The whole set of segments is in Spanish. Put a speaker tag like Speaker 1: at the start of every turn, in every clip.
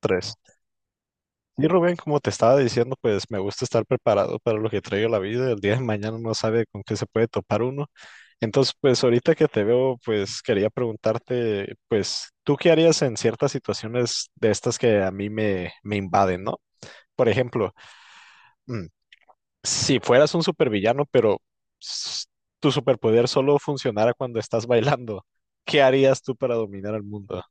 Speaker 1: Tres. Y Rubén, como te estaba diciendo, pues me gusta estar preparado para lo que traigo la vida. El día de mañana no sabe con qué se puede topar uno. Entonces, pues ahorita que te veo, pues quería preguntarte, pues, ¿tú qué harías en ciertas situaciones de estas que a mí me invaden?, ¿no? Por ejemplo, mm, si fueras un supervillano, pero s- tu superpoder solo funcionara cuando estás bailando, ¿qué harías tú para dominar el mundo?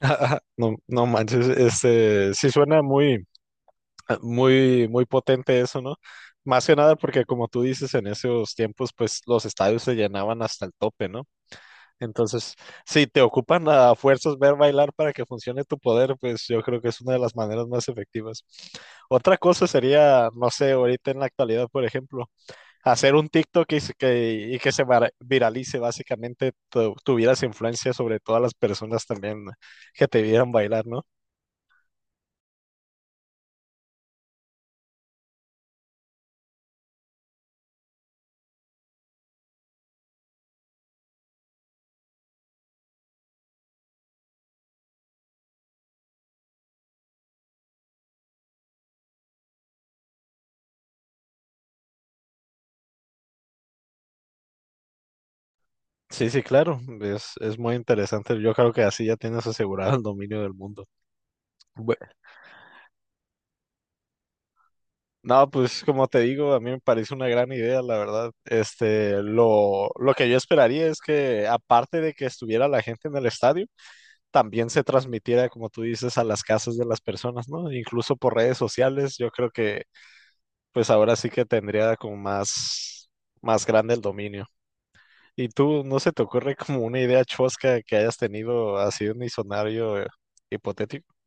Speaker 1: No, no manches, este, sí suena muy muy, muy potente eso, ¿no? Más que nada porque como tú dices, en esos tiempos pues los estadios se llenaban hasta el tope, ¿no? Entonces, si te ocupan a fuerzas ver bailar para que funcione tu poder, pues yo creo que es una de las maneras más efectivas. Otra cosa sería, no sé, ahorita en la actualidad, por ejemplo, hacer un TikTok y y que viralice, básicamente tuvieras influencia sobre todas las personas también que te vieran bailar, ¿no? Sí, sí, claro, es muy interesante. Yo creo que así ya tienes asegurado el dominio del mundo. Bue- no, pues como te digo, a mí me parece una gran idea, la verdad. Este, lo que yo esperaría es que, aparte de que estuviera la gente en el estadio, también se transmitiera, como tú dices, a las casas de las personas, ¿no? Incluso por redes sociales, yo creo que, pues ahora sí que tendría como más grande el dominio. ¿Y tú, no se te ocurre como una idea chosca que hayas tenido así un escenario hipotético?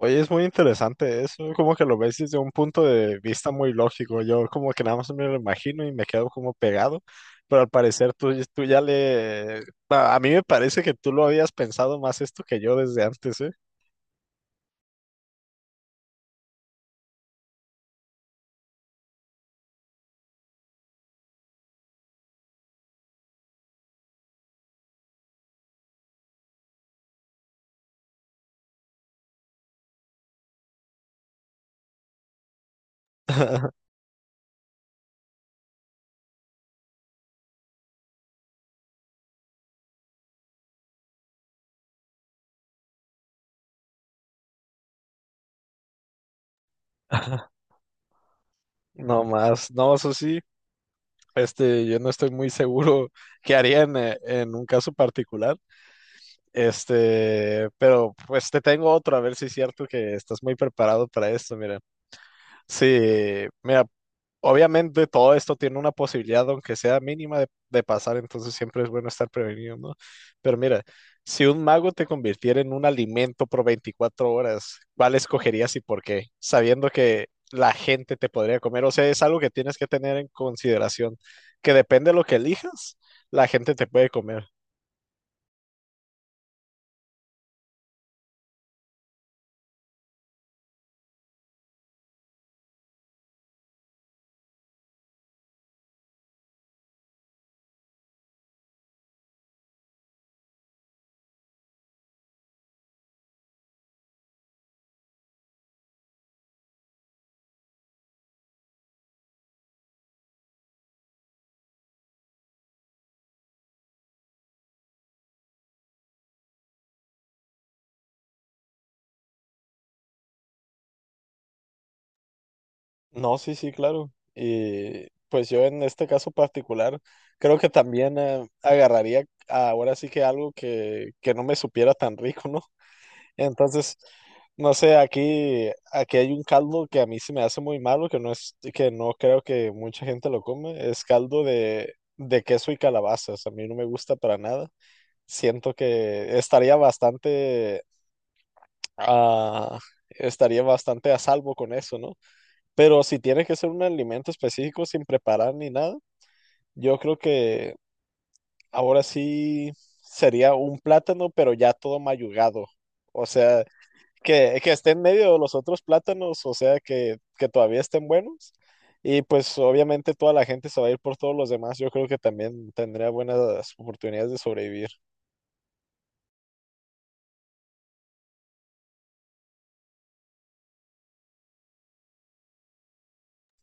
Speaker 1: Oye, es muy interesante eso, como que lo ves desde un punto de vista muy lógico. Yo como que nada más me lo imagino y me quedo como pegado, pero al parecer tú ya le. A mí me parece que tú lo habías pensado más esto que yo desde antes, ¿eh? No más, no, eso sí, este, yo no estoy muy seguro qué haría en un caso particular. Este, pero pues te tengo otro, a ver si es cierto que estás muy preparado para esto, mira. Sí, mira, obviamente todo esto tiene una posibilidad, aunque sea mínima, de pasar, entonces siempre es bueno estar prevenido, ¿no? Pero mira, si un mago te convirtiera en un alimento por 24 horas, ¿cuál escogerías y por qué? Sabiendo que la gente te podría comer, o sea, es algo que tienes que tener en consideración, que depende de lo que elijas, la gente te puede comer. No, sí, sí, claro. Y pues yo en este caso particular creo que también agarraría ahora sí que algo que no me supiera tan rico, ¿no? Entonces, no sé, aquí hay un caldo que a mí se me hace muy malo, que no creo que mucha gente lo come, es caldo de queso y calabazas. A mí no me gusta para nada. Siento que ah, estaría bastante a salvo con eso, ¿no? Pero si tiene que ser un alimento específico sin preparar ni nada, yo creo que ahora sí sería un plátano, pero ya todo mayugado. O sea, que esté en medio de los otros plátanos, o sea, que todavía estén buenos. Y pues obviamente toda la gente se va a ir por todos los demás. Yo creo que también tendría buenas oportunidades de sobrevivir.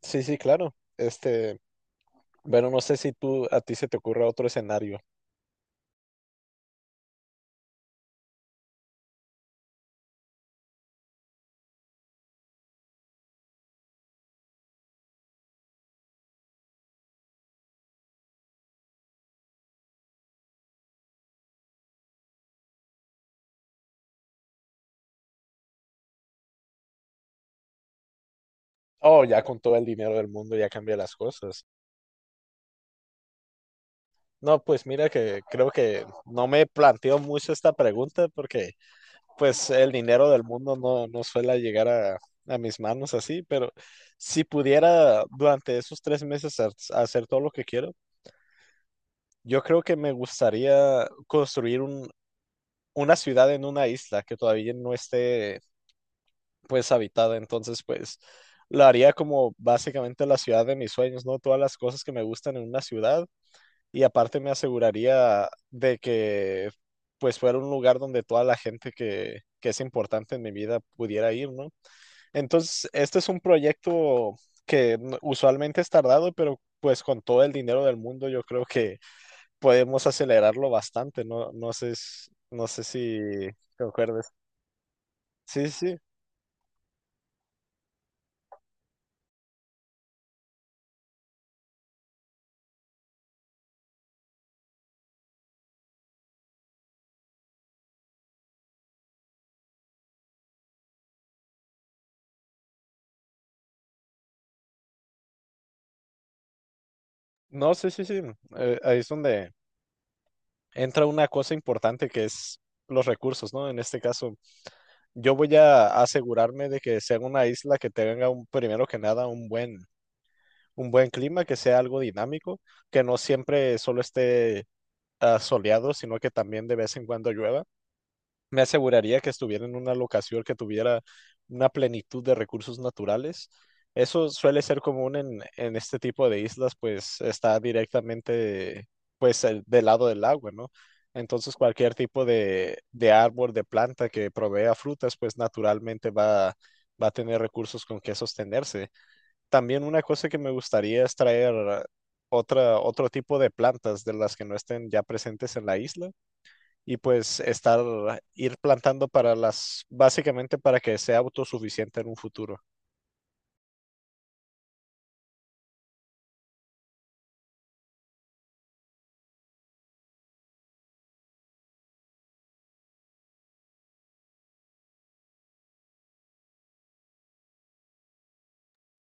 Speaker 1: Sí, sí, claro. Este, bueno, no sé si tú a ti se te ocurre otro escenario. Oh, ya con todo el dinero del mundo ya cambia las cosas. No, pues mira que creo que no me planteo mucho esta pregunta porque pues el dinero del mundo no suele llegar a mis manos así, pero si pudiera durante esos 3 meses hacer todo lo que quiero, yo creo que me gustaría construir una ciudad en una isla que todavía no esté pues habitada, entonces pues lo haría como básicamente la ciudad de mis sueños, ¿no? Todas las cosas que me gustan en una ciudad y aparte me aseguraría de que pues fuera un lugar donde toda la gente que es importante en mi vida pudiera ir, ¿no? Entonces, este es un proyecto que usualmente es tardado, pero pues con todo el dinero del mundo yo creo que podemos acelerarlo bastante, ¿no? No sé, no sé si concuerdas. Sí, sí, sí. No, sí, sí, sí. Ahí es donde entra una cosa importante que es los recursos, ¿no? En este caso. Yo voy a asegurarme de que sea una isla que tenga primero que nada un buen clima, que sea algo dinámico, que no siempre solo esté soleado, sino que también de vez en cuando llueva. Me aseguraría que estuviera en una locación que tuviera una plenitud de recursos naturales. Eso suele ser común en este tipo de islas, pues está directamente pues del lado del agua, ¿no? Entonces cualquier tipo de árbol, de planta que provea frutas, pues naturalmente va a tener recursos con que sostenerse. También una cosa que me gustaría es traer otro tipo de plantas de las que no estén ya presentes en la isla y pues ir plantando básicamente para que sea autosuficiente en un futuro.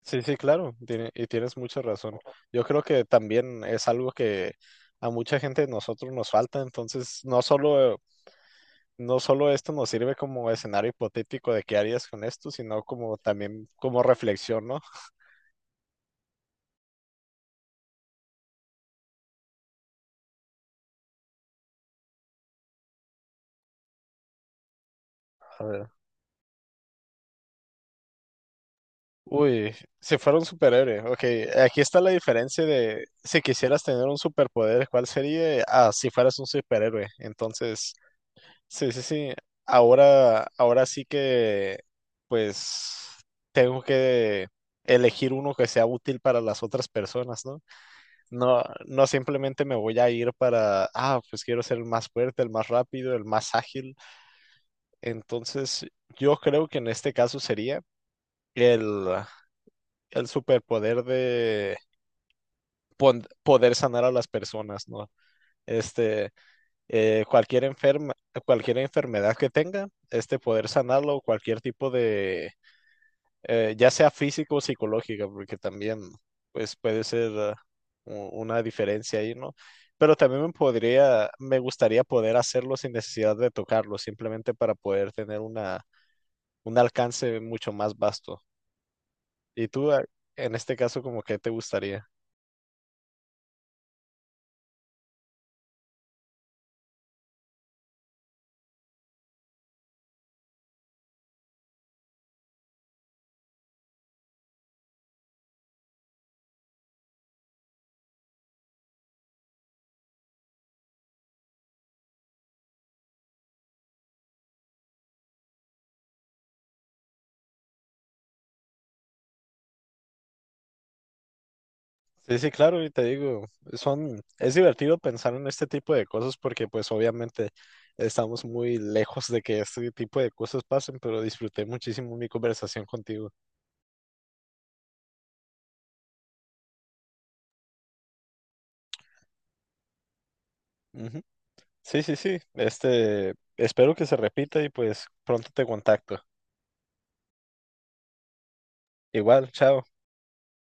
Speaker 1: Sí, sí, claro, y tienes mucha razón. Yo creo que también es algo que a mucha gente de nosotros nos falta, entonces no solo esto nos sirve como escenario hipotético de qué harías con esto, sino como también como reflexión, ¿no? A ver. Uy, si fuera un superhéroe, ok, aquí está la diferencia de si quisieras tener un superpoder, ¿cuál sería? Ah, si fueras un superhéroe, entonces. Sí, sí, sí. Ahora sí que, pues, tengo que elegir uno que sea útil para las otras personas, ¿no? No, no simplemente me voy a ir pues quiero ser el más fuerte, el más rápido, el más ágil. Entonces, yo creo que en este caso sería el, el superpoder de poder sanar a las personas, ¿no? Este, eh, cualquier enferma, cualquier enfermedad que tenga, este poder sanarlo, cualquier tipo de, ya sea físico o psicológica, porque también pues puede ser una diferencia ahí, ¿no? Pero también me gustaría poder hacerlo sin necesidad de tocarlo, simplemente para poder tener un alcance mucho más vasto. ¿Y tú, en este caso, como que te gustaría? Sí, sí, claro, y te digo, es divertido pensar en este tipo de cosas porque pues obviamente estamos muy lejos de que este tipo de cosas pasen, pero disfruté muchísimo mi conversación contigo. Ujú. Sí, sí, sí, este, espero que se repita y pues pronto te contacto. Igual, chao.